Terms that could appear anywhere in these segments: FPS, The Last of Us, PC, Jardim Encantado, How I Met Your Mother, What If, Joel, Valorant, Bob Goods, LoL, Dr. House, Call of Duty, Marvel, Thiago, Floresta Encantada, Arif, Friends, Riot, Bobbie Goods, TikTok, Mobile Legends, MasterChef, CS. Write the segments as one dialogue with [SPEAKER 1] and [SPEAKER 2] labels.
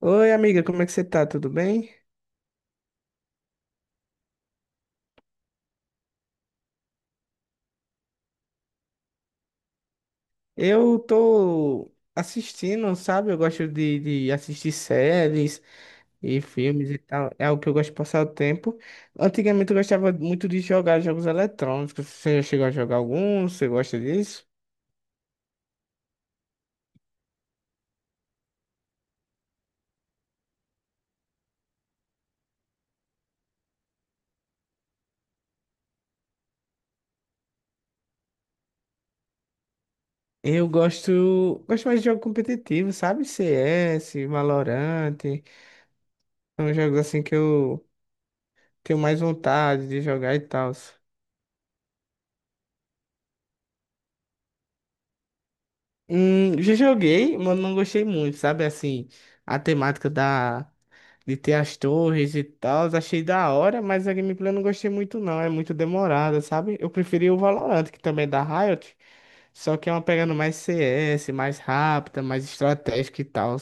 [SPEAKER 1] Oi, amiga, como é que você tá? Tudo bem? Eu tô assistindo, sabe? Eu gosto de assistir séries e filmes e tal. É algo que eu gosto de passar o tempo. Antigamente eu gostava muito de jogar jogos eletrônicos. Você já chegou a jogar algum? Você gosta disso? Eu gosto, gosto mais de jogo competitivo, sabe? CS, Valorant. São jogos assim que eu tenho mais vontade de jogar e tal. Já joguei, mas não gostei muito, sabe? Assim, a temática da... de ter as torres e tal, achei da hora, mas a gameplay eu não gostei muito não, é muito demorada, sabe? Eu preferi o Valorant, que também é da Riot, só que é uma pegando mais CS, mais rápida, mais estratégica e tal.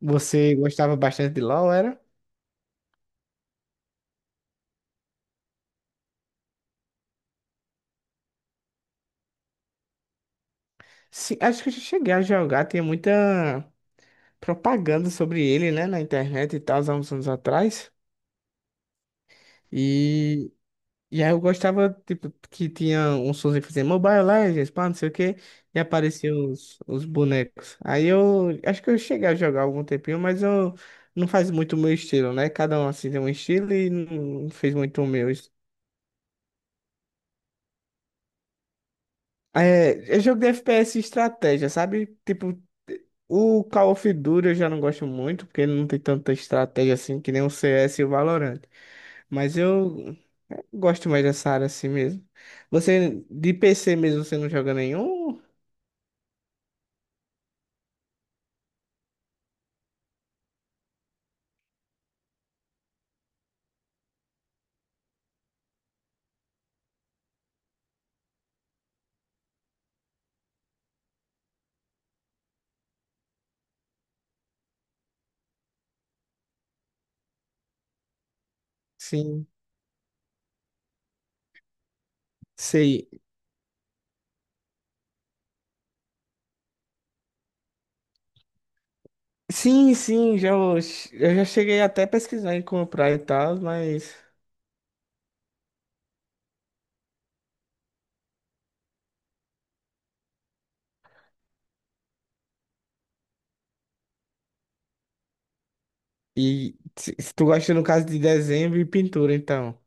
[SPEAKER 1] Você gostava bastante de LoL, era? Sim, acho que eu já cheguei a jogar, tinha muita propaganda sobre ele, né, na internet e tal, há uns anos atrás. e E aí eu gostava, tipo, que tinha um sonzinho que fazia Mobile Legends, pá, não sei o quê, e apareciam os bonecos. Aí eu acho que eu cheguei a jogar algum tempinho, mas eu não faz muito o meu estilo, né? Cada um assim tem um estilo e não fez muito o meu. É, é jogo de FPS e estratégia, sabe? Tipo, o Call of Duty eu já não gosto muito, porque não tem tanta estratégia assim que nem o CS e o Valorant. Mas eu gosto mais dessa área assim mesmo. Você, de PC mesmo, você não joga nenhum? Sim, sei. Sim, sim, já, eu já cheguei até a pesquisar em comprar e tal, mas. E se, tu gosta no caso de desenho e pintura, então.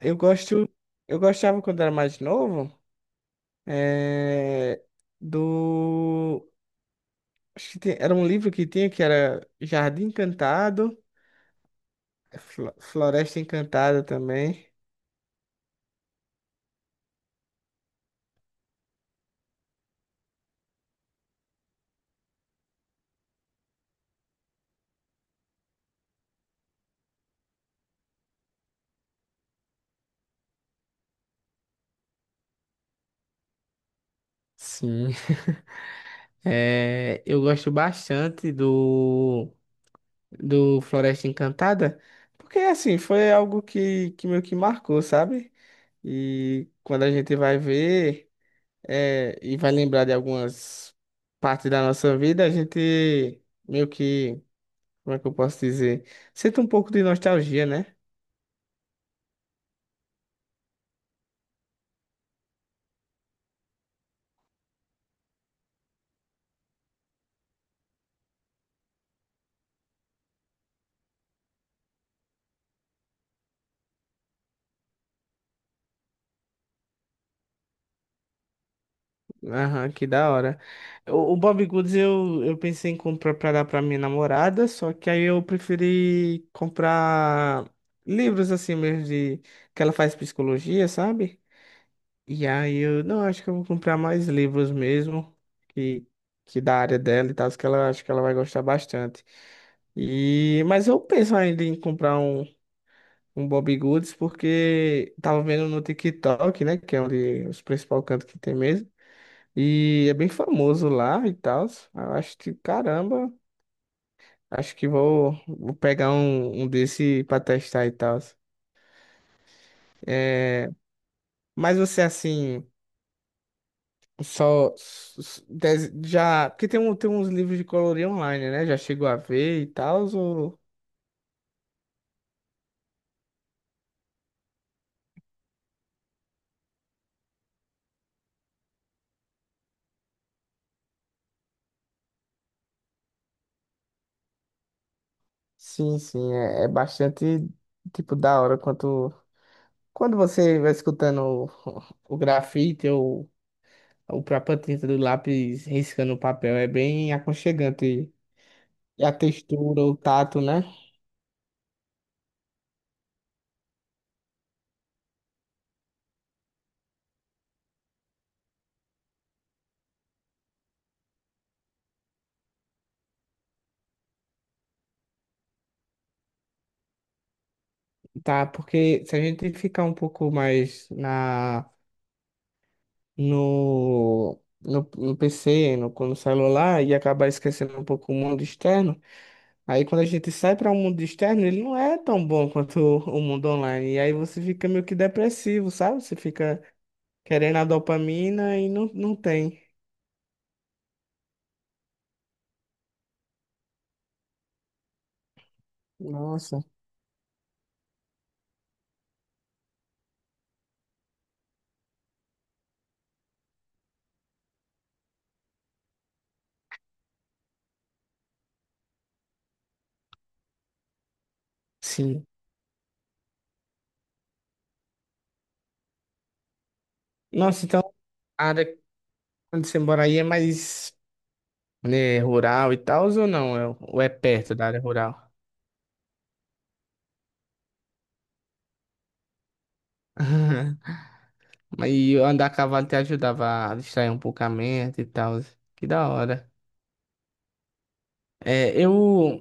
[SPEAKER 1] Eu gosto. Eu gostava quando era mais novo. É, do. Acho que era um livro que tinha que era Jardim Encantado, Floresta Encantada também. Sim. É, eu gosto bastante do. Do Floresta Encantada, porque assim, foi algo que meio que marcou, sabe? E quando a gente vai ver e vai lembrar de algumas partes da nossa vida, a gente meio que, como é que eu posso dizer? Sente um pouco de nostalgia, né? Aham, que da hora. O Bob Goods eu pensei em comprar pra dar pra minha namorada, só que aí eu preferi comprar livros assim mesmo de que ela faz psicologia, sabe? E aí eu, não, acho que eu vou comprar mais livros mesmo, que, que da área dela e tal, que ela acho que ela vai gostar bastante. E, mas eu penso ainda em comprar um, um Bobbie Goods, porque tava vendo no TikTok, né, que é onde os principais cantos que tem mesmo, e é bem famoso lá e tal. Eu acho que, caramba, acho que vou, vou pegar um, um desse pra testar e tal. É, mas você, assim... Só s- s- dez- Já, porque tem, um, tem uns livros de colorir online, né? Já chegou a ver e tal, ou... Sim, sim, é, é bastante, tipo, da hora quanto... Quando você vai escutando o grafite ou a própria tinta do lápis riscando o papel, é bem aconchegante. E a textura, o tato, né? Tá, porque se a gente ficar um pouco mais na, no PC, no celular, e acabar esquecendo um pouco o mundo externo. Aí quando a gente sai para o mundo externo, ele não é tão bom quanto o mundo online. E aí você fica meio que depressivo, sabe? Você fica querendo a dopamina e não tem. Nossa, sim. Nossa, então a área onde você mora aí é mais, né, rural e tal, ou não? Ou é perto da área rural? Mas e andar a cavalo te ajudava a distrair um pouco a mente e tal. Que da hora. É, eu.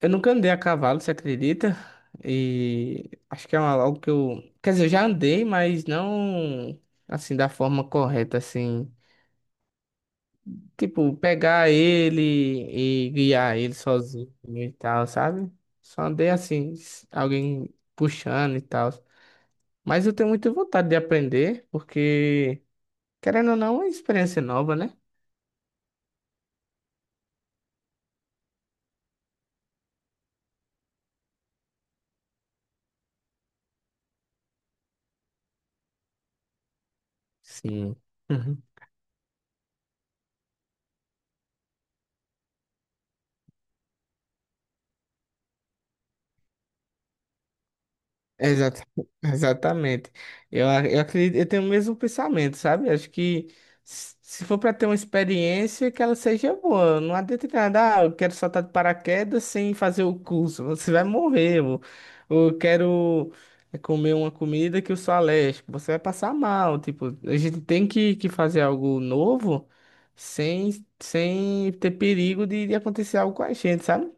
[SPEAKER 1] Eu nunca andei a cavalo, você acredita? E acho que é uma, algo que eu. Quer dizer, eu já andei, mas não assim, da forma correta, assim. Tipo, pegar ele e guiar ele sozinho e tal, sabe? Só andei assim, alguém puxando e tal. Mas eu tenho muita vontade de aprender, porque, querendo ou não, é uma experiência nova, né? Sim. Exata- Exatamente. Eu acredito, eu tenho o mesmo pensamento, sabe? Acho que se for para ter uma experiência, que ela seja boa. Não adianta nada, ah, eu quero saltar de paraquedas sem fazer o curso. Você vai morrer. Ou eu quero comer uma comida que eu sou alérgico. Você vai passar mal. Tipo, a gente tem que fazer algo novo sem, sem ter perigo de acontecer algo com a gente, sabe?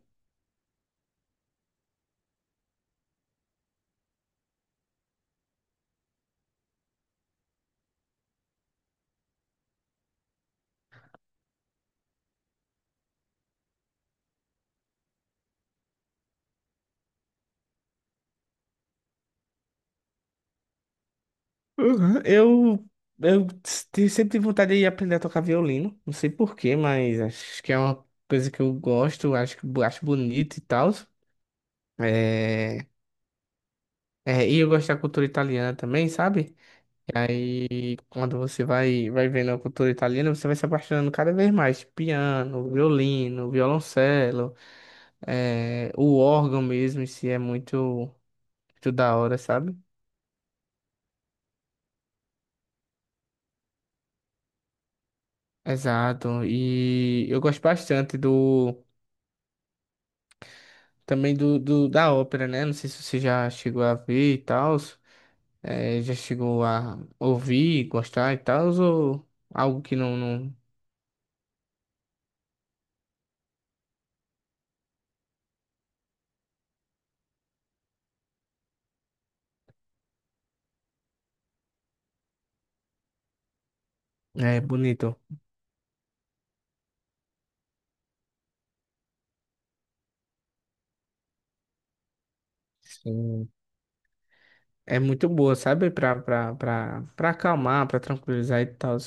[SPEAKER 1] Uhum. Eu Sempre tive vontade de aprender a tocar violino. Não sei por quê, mas acho que é uma coisa que eu gosto, acho, acho bonito e tal. É, É, e eu gosto da cultura italiana também, sabe? E aí, quando você vai vendo a cultura italiana, você vai se apaixonando cada vez mais. Piano, violino, violoncelo, é, o órgão mesmo em si é muito, muito da hora, sabe? Exato. E eu gosto bastante do. Também do, da ópera, né? Não sei se você já chegou a ver e tal, é, já chegou a ouvir, gostar e tal, ou algo que não é bonito. Sim. É muito boa, sabe? Pra acalmar, pra tranquilizar e tal.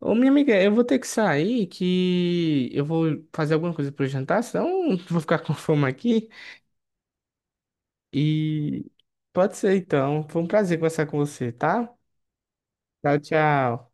[SPEAKER 1] Ô, minha amiga, eu vou ter que sair, que eu vou fazer alguma coisa pro jantar, senão vou ficar com fome aqui. E pode ser então. Foi um prazer conversar com você, tá? Tchau, tchau.